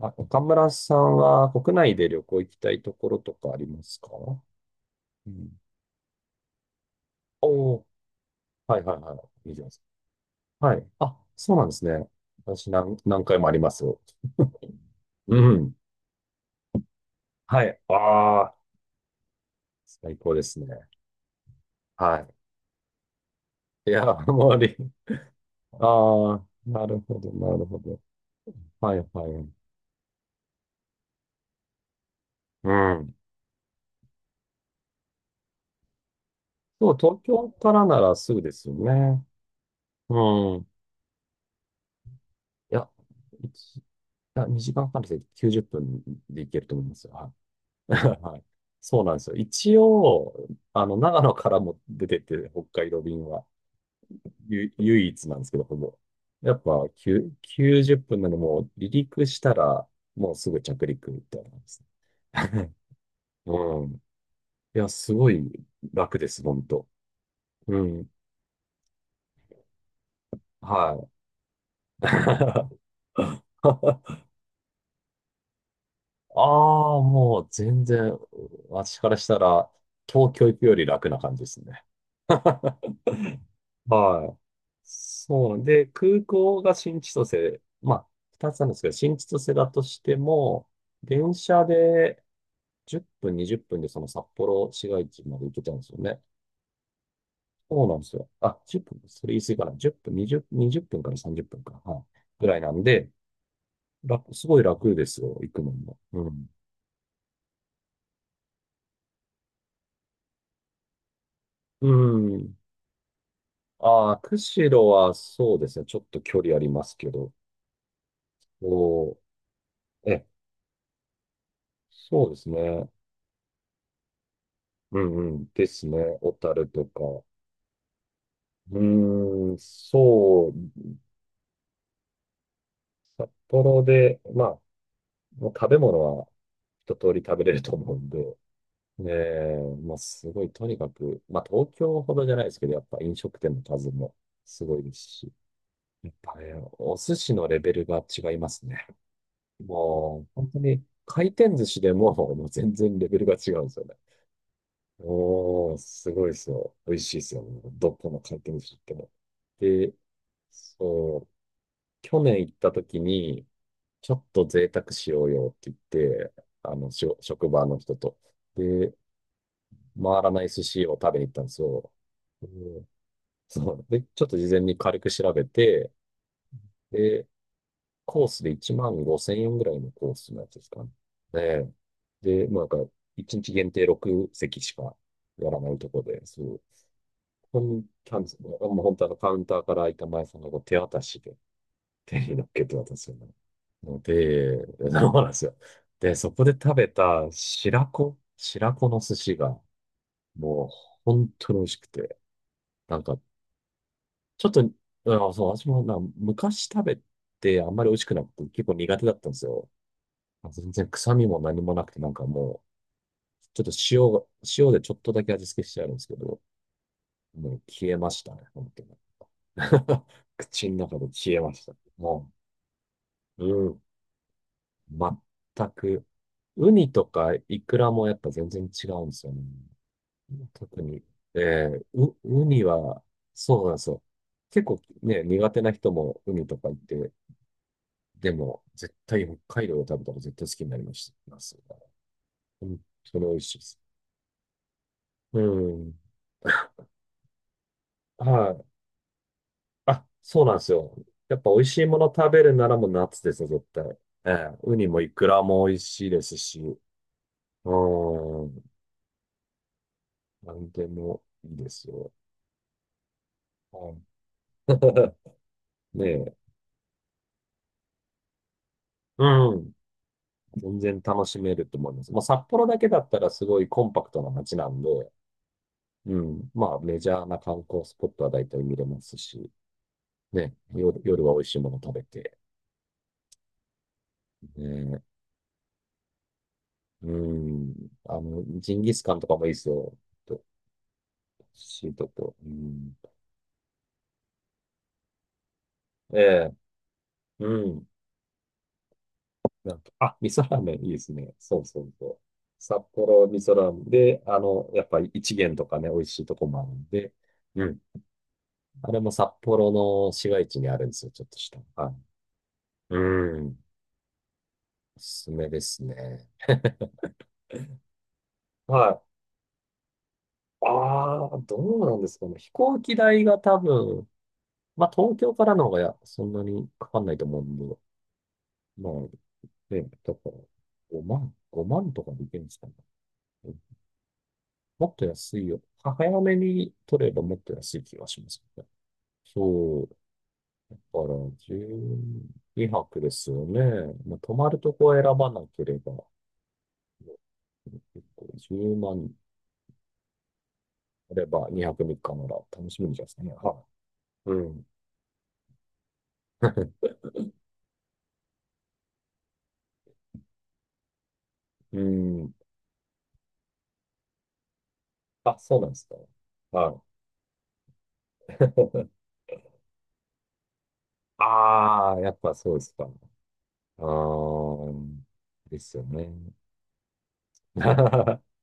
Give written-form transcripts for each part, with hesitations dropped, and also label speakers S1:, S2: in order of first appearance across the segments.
S1: あ、岡村さんは国内で旅行行きたいところとかありますか？うん。おー、はいはいはい。いいじゃないですか。はい。あ、そうなんですね。私何回もありますよ。うん。はい。ああ、最高ですね。はい。いや、もうり、ああ、なるほど、なるほど。はいはい。うん。そう、東京からならすぐですよね。うん。や、いや、2時間半で90分で行けると思いますよ。はい。そうなんですよ。一応、あの、長野からも出てて、北海道便は、唯一なんですけど、ほぼ。やっぱ、90分なので、もう、離陸したら、もうすぐ着陸みたいな感じですね。うん。いや、すごい楽です、本当。うん。はい。ああ、もう、全然、私からしたら、東京行くより楽な感じですね。はい。そうなんで、空港が新千歳、まあ、二つなんですけど、新千歳だとしても、電車で10分、20分でその札幌市街地まで行けちゃうんですよね。そうなんですよ。あ、10分、それ言い過ぎかな。1分、20、分から30分かな。はい。ぐらいなんで、すごい楽ですよ、行くのも。うん。うん。ああ、釧路はそうですね。ちょっと距離ありますけど。おーえ、そうですね。うんうん。ですね。小樽とか。うーん、そう。札幌で、まあ、もう食べ物は一通り食べれると思うんで。ねえ、まあ、すごい、とにかく、まあ、東京ほどじゃないですけど、やっぱ飲食店の数もすごいですし。やっぱね、お寿司のレベルが違いますね。もう、本当に、回転寿司でも、もう全然レベルが違うんですよね。おー、すごいですよ。美味しいですよ。どこの回転寿司行っても。で、そう、去年行った時に、ちょっと贅沢しようよって言って、あの、職場の人と。で、回らない寿司を食べに行ったんですよ。うん、そう。で、ちょっと事前に軽く調べて、で、コースで1万5千円ぐらいのコースのやつですかね。で、で、もうなんか、1日限定6席しかやらないとこで、そう。ここに行ったんですよ。もう本当あのカウンターから開いた前さんがこう手渡しで、手に乗っけて渡すよね。ので、そうなんですよ。で、そこで食べた白子の寿司が、もう、本当に美味しくて、なんか、ちょっと、あ、そう、私もな、昔食べてあんまり美味しくなくて、結構苦手だったんですよ。まあ全然臭みも何もなくて、なんかもう、ちょっと塩でちょっとだけ味付けしてあるんですけど、もう消えましたね、本当に。口の中で消えました。もう、うん。全く。ウニとかイクラもやっぱ全然違うんですよね。特に。ウニは、そうなんですよ。結構ね、苦手な人もウニとかいて、でも、絶対北海道で食べたら絶対好きになりました。ます本当に美味しいです。うん。はい。あ、そうなんですよ。やっぱ美味しいもの食べるならもう夏ですよ、絶対。ええ、ウニもイクラも美味しいですし、うん。なんでもいいですよ。はい。 ねえ、うん。全然楽しめると思います。まあ、札幌だけだったらすごいコンパクトな街なんで、うん。まあ、メジャーな観光スポットは大体見れますし、ね、夜は美味しいもの食べて、ね、うん。あの、ジンギスカンとかもいいですよ。と、シートと、うん。ええ、うん。なんか、あ、味噌ラーメンいいですね。そうそうそう。札幌味噌ラーメンで、あの、やっぱり一元とかね、美味しいとこもあるんで、うん。あれも札幌の市街地にあるんですよ、ちょっとした。はい。うん。おすすめですね。はい。ああ、どうなんですかね。飛行機代が多分、まあ東京からの方がやそんなにかかんないと思うんで、まあ、ね、だから5万、5万とかでいけるんですかね。うん、もっと安いよ。早めに取ればもっと安い気がしますね。そう。だから12泊ですよね。まあ、泊まるとこを選ばなければ。結構10万あれば2泊3日なら楽しみにですね。はい。うん。うん。あ、そうなんですか。はい。ああ、やっぱそうですか。ああ、ですよね。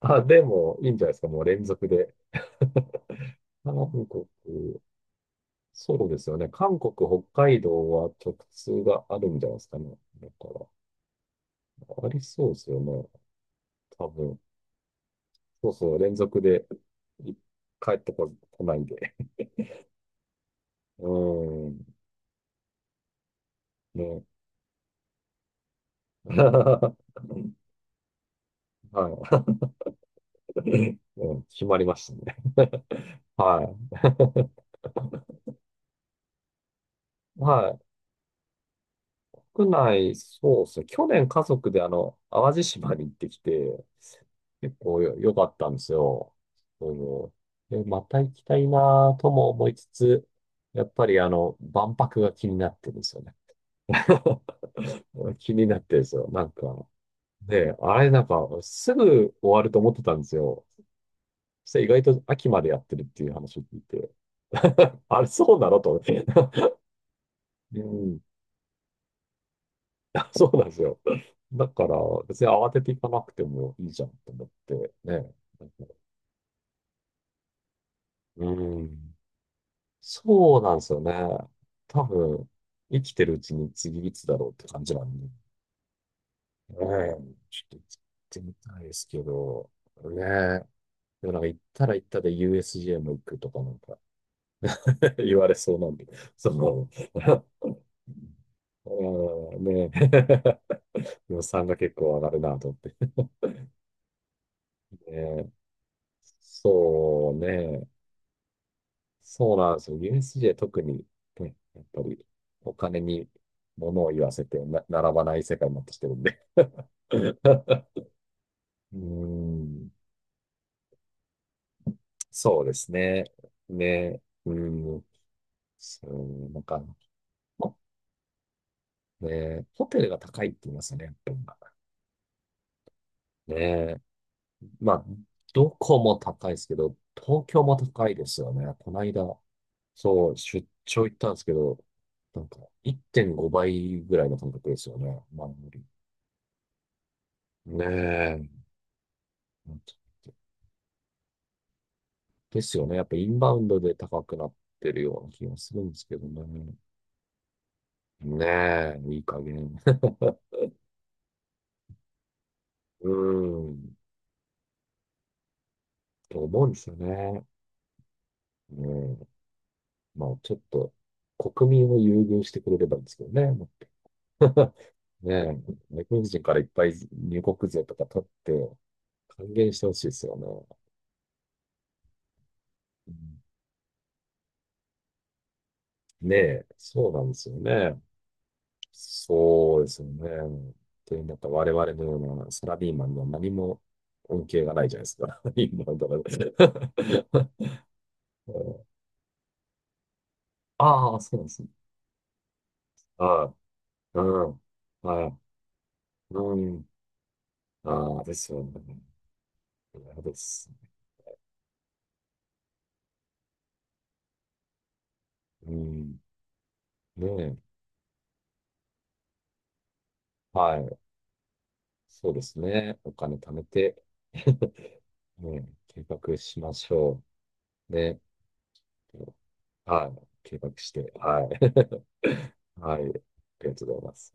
S1: あ、でも、いいんじゃないですか。もう連続で。韓国、そうですよね。韓国、北海道は直通があるんじゃないですかね。だから、ありそうですよね。多分。そうそう、連続でい帰ってこ、来ないんで。うん。ね。はい。うん、決まりましたね。はい。はい。国内、そうですね。去年家族であの、淡路島に行ってきて、結構良かったんですよね。そうで、また行きたいなぁとも思いつつ、やっぱりあの、万博が気になってるんですよね。気になってるんですよ。なんか、ね、あれなんか、すぐ終わると思ってたんですよ。そして意外と秋までやってるっていう話を聞いて。あれ、そうなのと思って。うん。そうなんですよ。だから、別に慌てていかなくてもいいじゃんと思って、ね。なんか、うん。そうなんですよね。多分、生きてるうちに次いつだろうって感じなんで。ねえ、ちょっと行ってみたいですけど、ねえ。でもなんか行ったら行ったで USJ も行くとかなんか 言われそうなんで、その、うん、ねえ。予算が結構上がるなと思って。ねえ、そうね。そうなんですよ。USJ 特に、ね、やっぱりお金に物を言わせてな並ばない世界になってきてるんで。うーん、そうですね。ね、うん、そう、なんか、ほね、ホテルが高いって言いますよね、やっぱり今ね。まあ、どこも高いですけど、東京も高いですよね。この間、そう、出張行ったんですけど、なんか1.5倍ぐらいの感覚ですよね。前よ、ねえ。本当にですよね。やっぱインバウンドで高くなってるような気がするんですけどね。ねえ、いい加減。うーん、と思うんですよね。うまあ、ちょっと、国民を優遇してくれればいいんですけどね。ねえ、外国人からいっぱい入国税とか取って還元してほしいですよね。うん、ねえ、そうなんですよね。そうですよね。というなんか我々のようなサラリーマンには何も恩恵がないじゃないですか。今のところ。ああ、そうなんですね。ああ、うん。はい。うん。ああ、ですよね。嫌です。うん。ねえ。はい。そうですね。お金貯めて。 うん、計画しましょう。ね。はい。計画して。はい。はい。ありがとうございます。